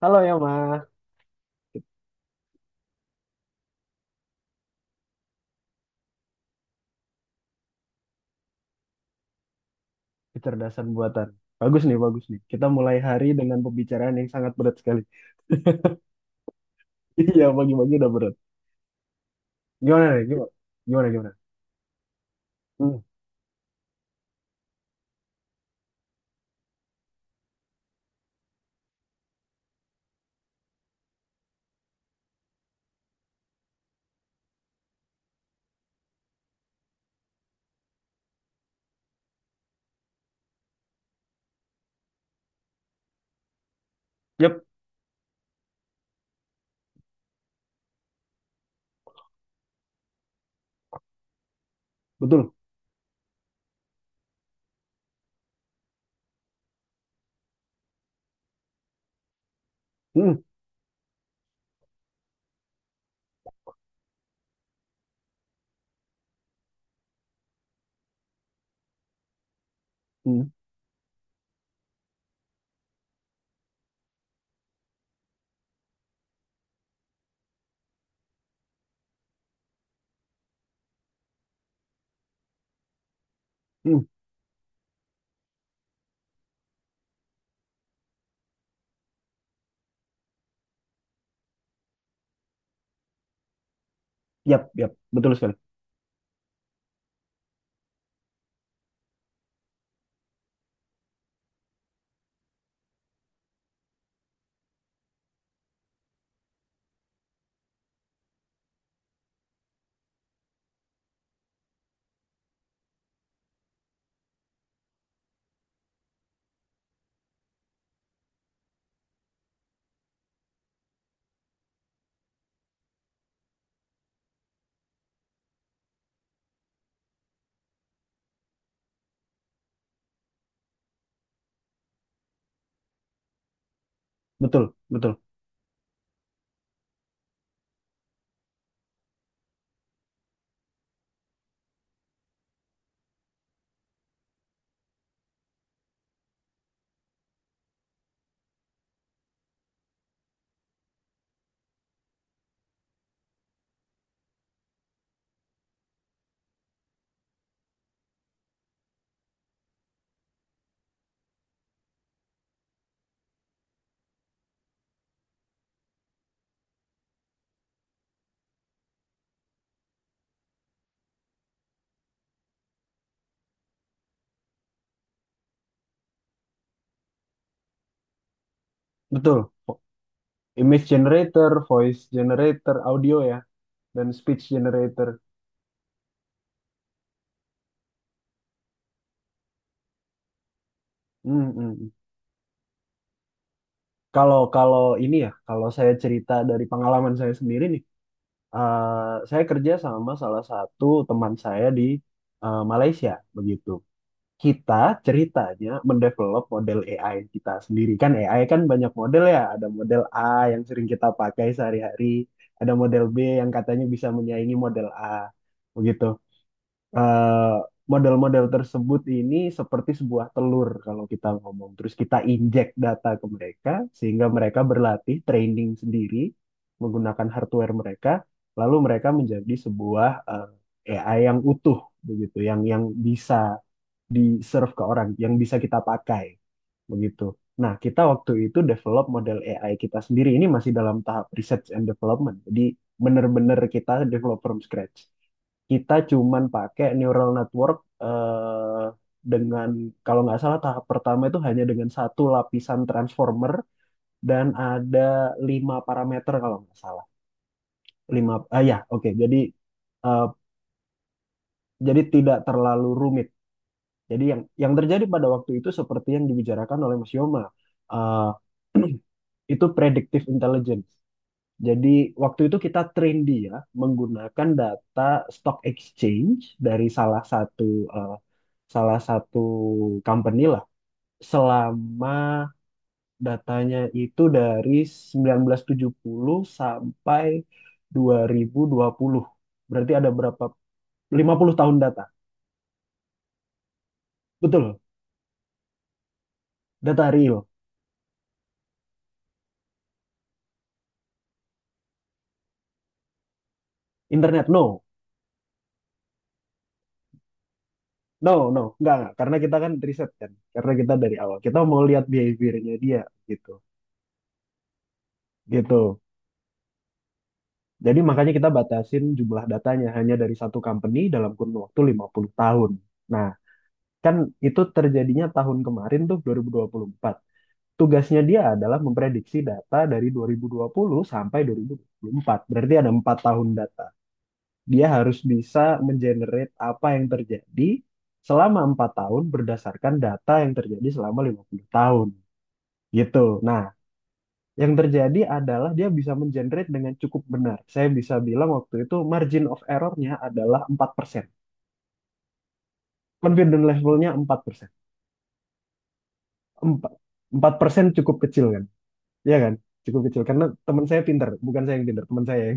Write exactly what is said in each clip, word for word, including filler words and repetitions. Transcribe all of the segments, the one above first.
Halo ya, Ma. Kecerdasan buatan. Bagus nih, bagus nih. Kita mulai hari dengan pembicaraan yang sangat berat sekali. Iya, pagi-pagi udah berat. Gimana nih? Gimana? Gimana, gimana? Hmm. Yap, betul. Hmm. Hmm. Hmm. Yap, yap. Betul sekali. Betul, betul, betul. Vo- Image generator, voice generator, audio ya, dan speech generator. Hmm. Hmm, hmm. Kalau kalau ini ya, kalau saya cerita dari pengalaman saya sendiri nih, eh, saya kerja sama salah satu teman saya di eh, Malaysia, begitu. Kita ceritanya mendevelop model A I kita sendiri. Kan A I kan banyak model ya, ada model A yang sering kita pakai sehari-hari, ada model B yang katanya bisa menyaingi model A, begitu. Eh, model-model tersebut ini seperti sebuah telur kalau kita ngomong. Terus kita injek data ke mereka sehingga mereka berlatih training sendiri menggunakan hardware mereka, lalu mereka menjadi sebuah eh, A I yang utuh begitu, yang yang bisa di-serve ke orang, yang bisa kita pakai begitu. Nah, kita waktu itu develop model A I kita sendiri ini masih dalam tahap research and development. Jadi benar-benar kita develop from scratch, kita cuman pakai neural network eh, dengan, kalau nggak salah, tahap pertama itu hanya dengan satu lapisan transformer dan ada lima parameter, kalau nggak salah lima. Ah, ya, oke. Jadi eh, jadi tidak terlalu rumit. Jadi yang yang terjadi pada waktu itu seperti yang dibicarakan oleh Mas Yoma, eh, itu predictive intelligence. Jadi waktu itu kita train dia menggunakan data stock exchange dari salah satu eh, salah satu company lah, selama datanya itu dari seribu sembilan ratus tujuh puluh sampai dua ribu dua puluh. Berarti ada berapa, lima puluh tahun data. Betul. Data real. Internet no. No, no, enggak, enggak. Karena kita kan riset kan. Karena kita dari awal, kita mau lihat behaviornya dia gitu. Gitu. Jadi makanya kita batasin jumlah datanya hanya dari satu company dalam kurun waktu lima puluh tahun. Nah, kan itu terjadinya tahun kemarin tuh dua ribu dua puluh empat. Tugasnya dia adalah memprediksi data dari dua ribu dua puluh sampai dua ribu dua puluh empat. Berarti ada empat tahun data. Dia harus bisa mengenerate apa yang terjadi selama empat tahun berdasarkan data yang terjadi selama lima puluh tahun. Gitu. Nah, yang terjadi adalah dia bisa mengenerate dengan cukup benar. Saya bisa bilang waktu itu margin of error-nya adalah empat persen. Confidence level-nya empat persen. Empat persen cukup kecil kan? Iya kan? Cukup kecil. Karena teman saya pinter. Bukan saya yang pinter, teman saya yang...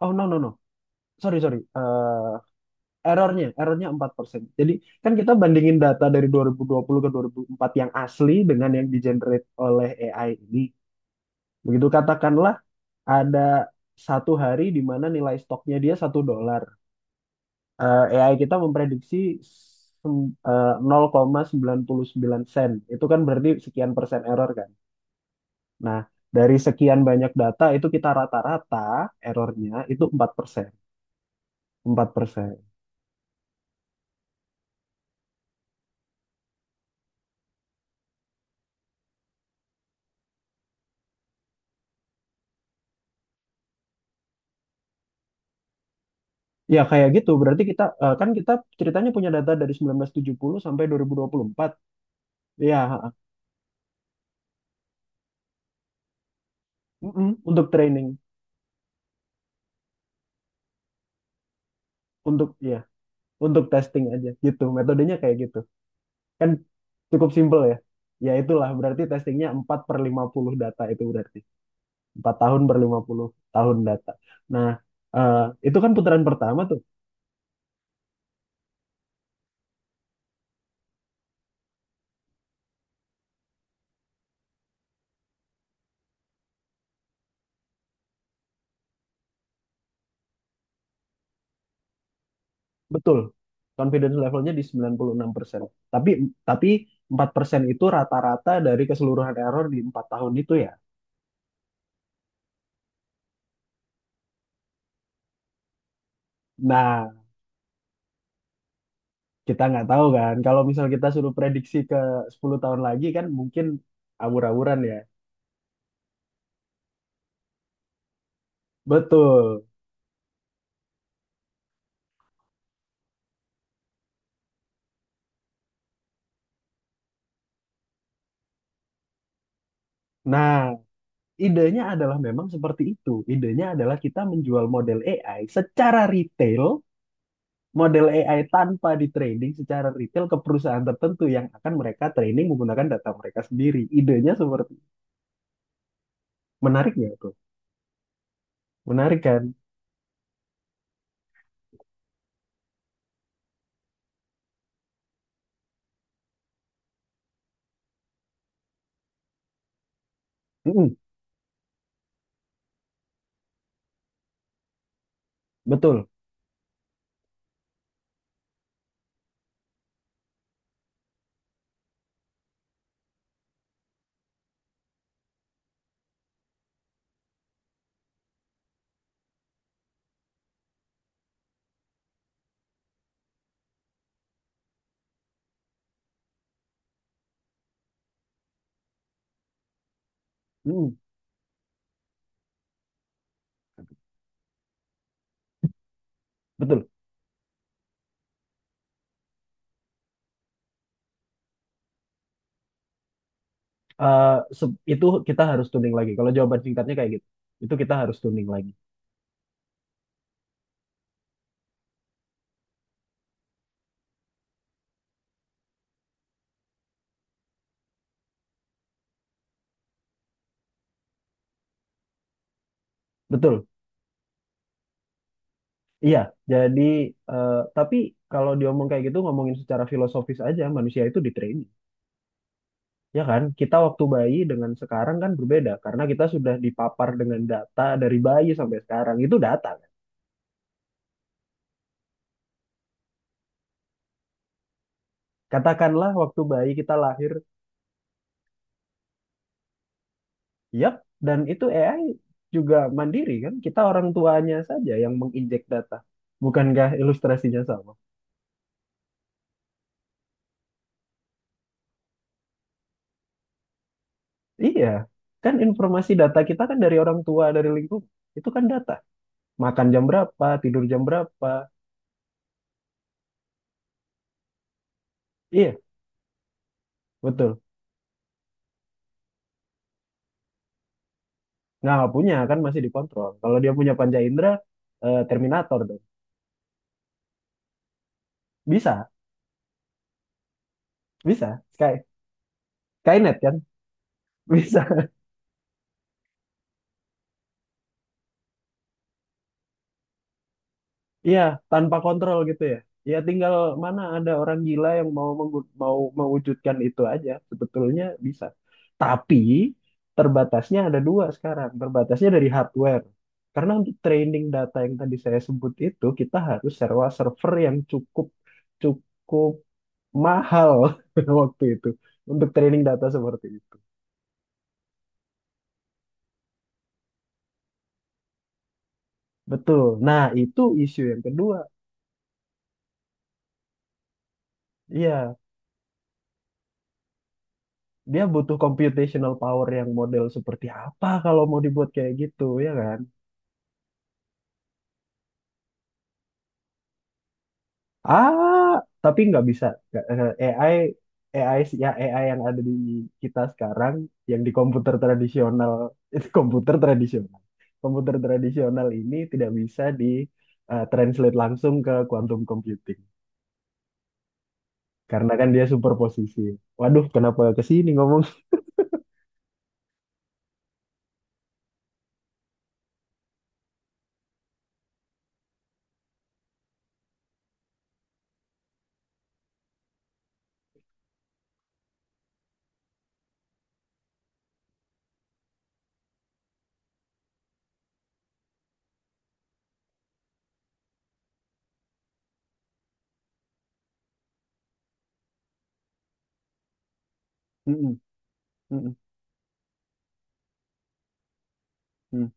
Oh, no, no, no. Sorry, sorry. Eh errornya, errornya empat persen. Jadi kan kita bandingin data dari dua dua ribu dua puluh ke dua ribu empat yang asli dengan yang di-generate oleh A I ini. Begitu katakanlah ada satu hari di mana nilai stoknya dia satu dolar. eh, A I kita memprediksi sem- eh, nol koma sembilan sembilan sen. Itu kan berarti sekian persen error kan. Nah, dari sekian banyak data itu kita rata-rata errornya itu empat persen. Empat persen. Ya kayak gitu, berarti kita, eh, kan kita ceritanya punya data dari seribu sembilan ratus tujuh puluh sampai dua ribu dua puluh empat. Ya, ha-ha. Mm-mm. Untuk training, untuk ya, untuk testing aja gitu. Metodenya kayak gitu. Kan cukup simple ya. Ya itulah berarti testingnya empat per lima puluh data itu berarti. Empat tahun per lima puluh tahun data. Nah, eh, itu kan putaran pertama tuh. Betul. Confidence levelnya di sembilan puluh enam persen. Tapi tapi empat persen itu rata-rata dari keseluruhan error di empat tahun itu ya. Nah, kita nggak tahu kan. Kalau misal kita suruh prediksi ke sepuluh tahun lagi kan mungkin awur-awuran ya. Betul. Nah, idenya adalah memang seperti itu. Idenya adalah kita menjual model A I secara retail, model A I tanpa di training, secara retail ke perusahaan tertentu yang akan mereka training menggunakan data mereka sendiri. Idenya seperti, menarik nggak tuh? Menarik kan? Mm-mm, betul. Mm-mm, betul. Eh, se- itu kita harus tuning lagi. Kalau jawaban singkatnya kayak gitu, itu kita harus tuning lagi. Betul. Iya. Jadi, eh, tapi kalau diomong kayak gitu, ngomongin secara filosofis aja, manusia itu di training. Ya kan, kita waktu bayi dengan sekarang kan berbeda karena kita sudah dipapar dengan data dari bayi sampai sekarang itu data, kan? Katakanlah waktu bayi kita lahir, yap, dan itu A I juga mandiri kan? Kita orang tuanya saja yang menginjek data. Bukankah ilustrasinya sama? Iya, kan informasi data kita kan dari orang tua, dari lingkungan. Itu kan data. Makan jam berapa, tidur jam berapa. Iya, betul. Nah, nggak punya kan masih dikontrol. Kalau dia punya panca indera, eh, Terminator dong. Bisa, bisa. Sky, Skynet kan? Bisa. Iya, tanpa kontrol gitu ya. Ya tinggal mana ada orang gila yang mau menggu- mau mewujudkan itu aja. Sebetulnya bisa. Tapi terbatasnya ada dua sekarang. Terbatasnya dari hardware. Karena untuk training data yang tadi saya sebut itu kita harus sewa server yang cukup cukup mahal waktu itu, untuk training data seperti itu. Betul. Nah, itu isu yang kedua. Iya, dia butuh computational power yang model seperti apa kalau mau dibuat kayak gitu ya kan. Ah, tapi nggak bisa. Nggak, eh, A I A I sih- ya A I yang ada di kita sekarang, yang di komputer tradisional. Itu komputer tradisional. Komputer tradisional ini tidak bisa di eh, translate langsung ke quantum computing karena kan dia superposisi. Waduh, kenapa ke sini ngomong. Mm-mm, mm-mm, mm.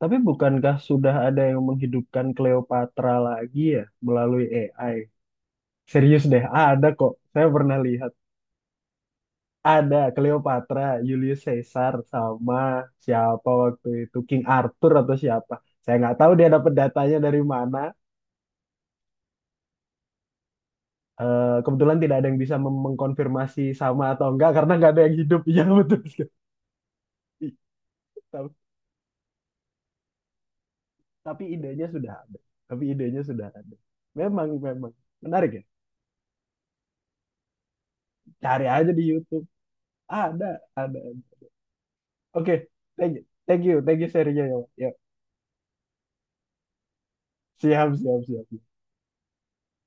Tapi bukankah sudah ada yang menghidupkan Cleopatra lagi ya melalui A I? Serius deh, ada kok. Saya pernah lihat. Ada Cleopatra, Julius Caesar, sama siapa waktu itu, King Arthur atau siapa. Saya nggak tahu dia dapat datanya dari mana. Eh, kebetulan tidak ada yang bisa mem- mengkonfirmasi sama atau enggak karena nggak ada yang hidup. Ya betul sekali. Tapi, tapi idenya sudah ada. Tapi idenya sudah ada. Memang, memang. Menarik ya? Cari aja di YouTube. Ada, ada. Oke, thank you, thank you, thank you serinya ya. Pak. Ya, siap, siap, siap.